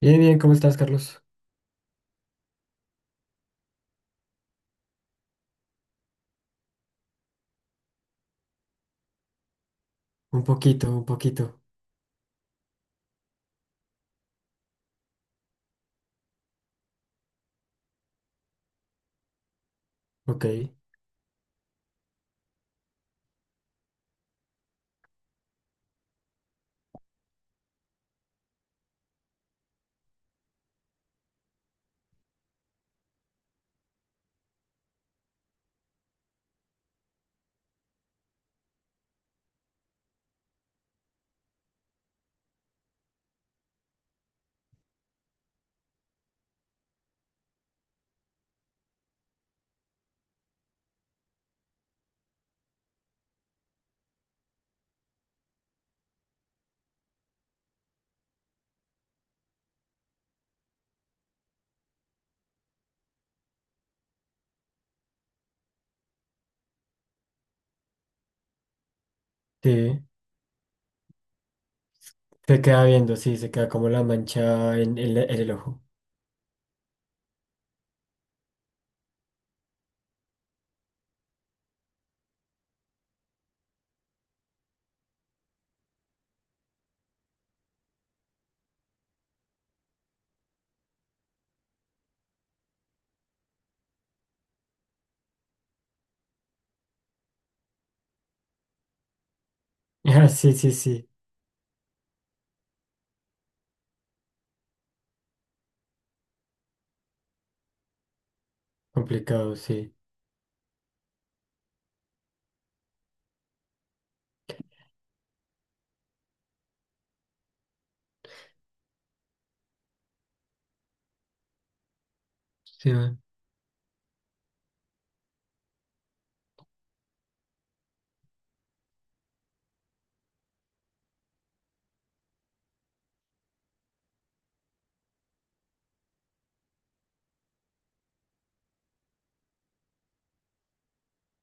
Bien, bien, ¿cómo estás, Carlos? Un poquito, un poquito. Ok, sí. Se queda viendo, sí, se queda como la mancha en en el ojo. Ah, sí, sí, sí. Complicado, sí. Sí, man.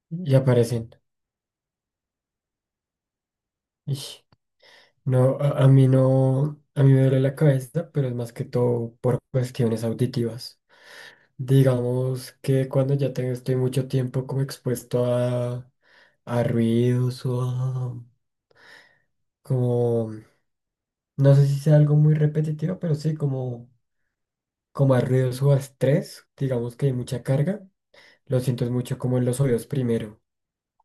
Y aparecen. Ish. No, a mí no, a mí me duele la cabeza, pero es más que todo por cuestiones auditivas. Digamos que cuando ya tengo, estoy mucho tiempo como expuesto a ruidos o a, como, no sé si sea algo muy repetitivo, pero sí, como como a ruidos o a estrés, digamos que hay mucha carga, lo siento es mucho como en los oídos primero,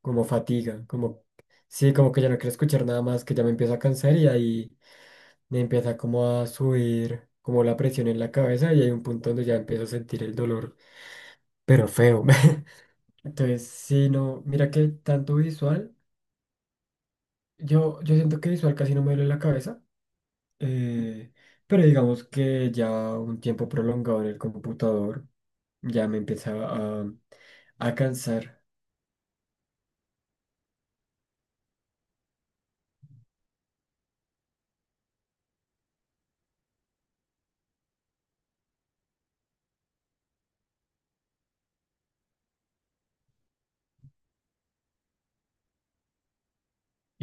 como fatiga, como, sí, como que ya no quiero escuchar nada más, que ya me empiezo a cansar y ahí me empieza como a subir como la presión en la cabeza y hay un punto donde ya empiezo a sentir el dolor, pero feo. Entonces, sí, no, mira que tanto visual, yo siento que visual casi no me duele la cabeza, eh, pero digamos que ya un tiempo prolongado en el computador. Ya me empezaba a cansar.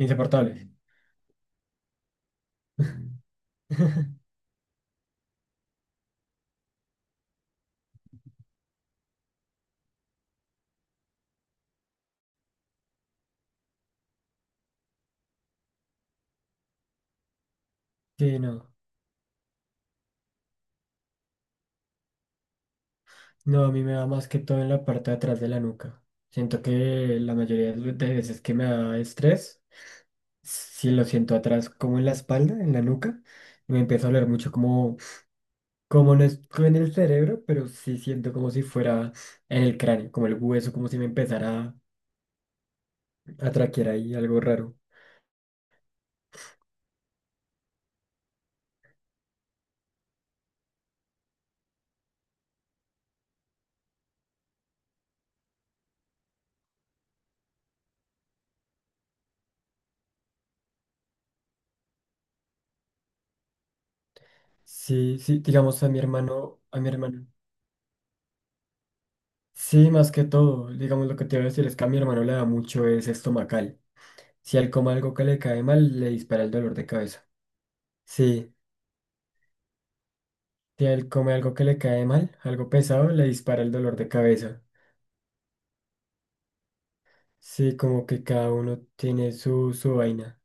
Insoportable. Sí, no. No, a mí me da más que todo en la parte de atrás de la nuca. Siento que la mayoría de las veces que me da estrés, si lo siento atrás como en la espalda, en la nuca, me empieza a doler mucho como, como no es en el cerebro, pero sí siento como si fuera en el cráneo, como el hueso, como si me empezara a traquear ahí algo raro. Sí, sí, digamos a mi hermano, a mi hermano. Sí, más que todo, digamos lo que te iba a decir es que a mi hermano le da mucho es estomacal. Si él come algo que le cae mal, le dispara el dolor de cabeza. Sí, si él come algo que le cae mal, algo pesado, le dispara el dolor de cabeza. Sí, como que cada uno tiene su, su vaina.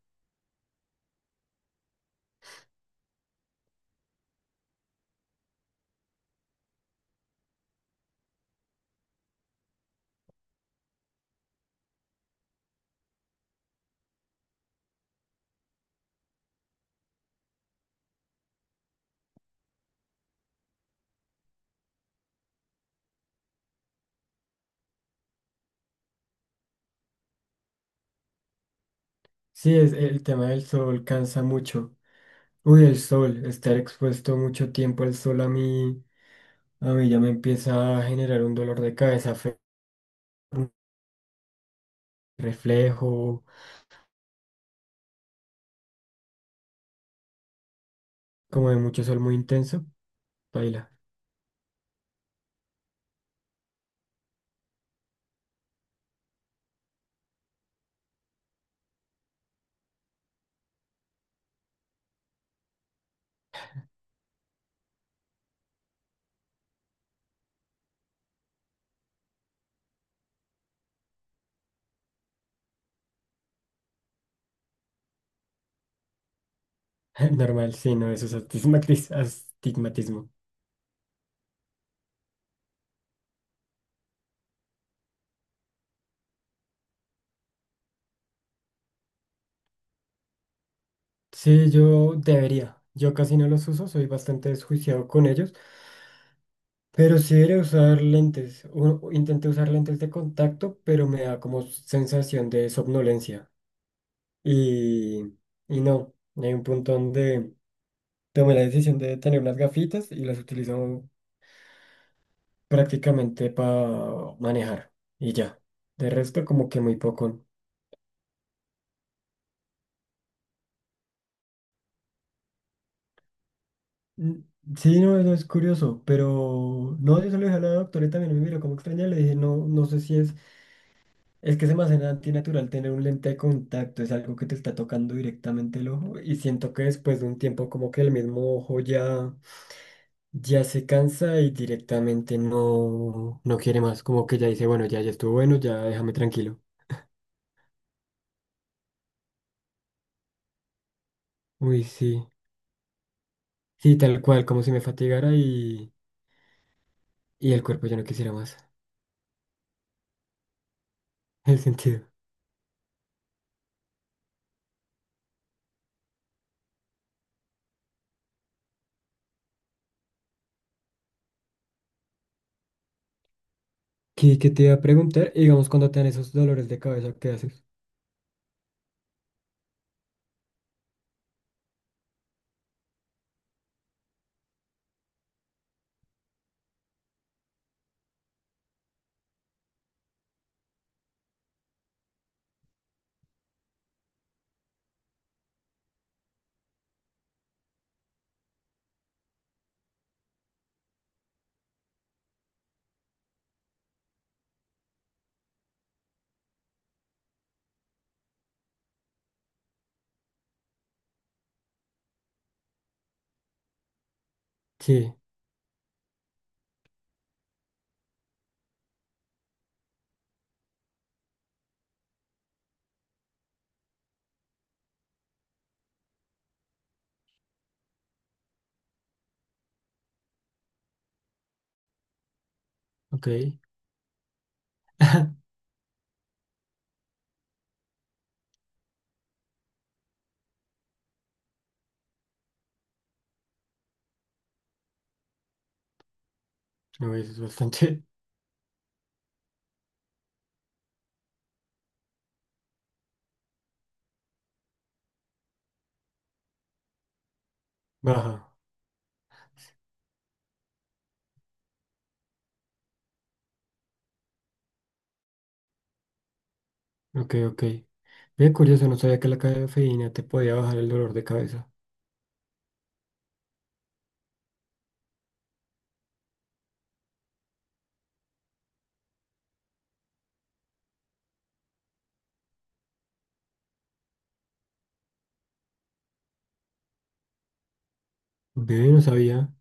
Sí, es el tema del sol cansa mucho. Uy, el sol, estar expuesto mucho tiempo al sol a mí ya me empieza a generar un dolor de cabeza feo, un reflejo, como de mucho sol muy intenso, baila. Normal, sí, no, eso es astigmatismo. Sí, yo debería. Yo casi no los uso, soy bastante desjuiciado con ellos, pero sí debería usar lentes. Intenté usar lentes de contacto, pero me da como sensación de somnolencia. Y, y no, hay un punto donde tomé la decisión de tener unas gafitas y las utilizo prácticamente para manejar. Y ya. De resto, como que muy poco. Mm, sí, no, eso es curioso, pero no, yo se lo dije a la doctora y también me miró como extraña, le dije, no, no sé si es, es que se me hace antinatural tener un lente de contacto, es algo que te está tocando directamente el ojo y siento que después de un tiempo como que el mismo ojo ya, ya se cansa y directamente no, no quiere más, como que ya dice, bueno, ya, ya estuvo bueno, ya déjame tranquilo. Uy, sí, sí, tal cual, como si me fatigara y el cuerpo ya no quisiera más, el sentido. ¿Qué, qué te iba a preguntar? Y digamos, cuando te dan esos dolores de cabeza, ¿qué haces? Sí, ok. No, eso es bastante baja. Ok, ok. Bien curioso, no sabía que la cafeína te podía bajar el dolor de cabeza. Ve, no sabía.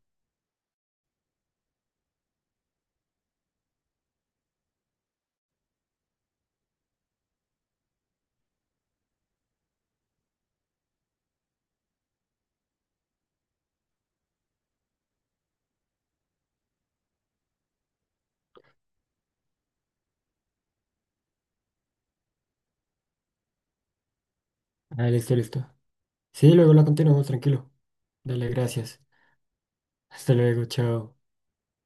Ah, listo, listo. Sí, luego la continuamos, tranquilo. Dale, gracias. Hasta luego, chao.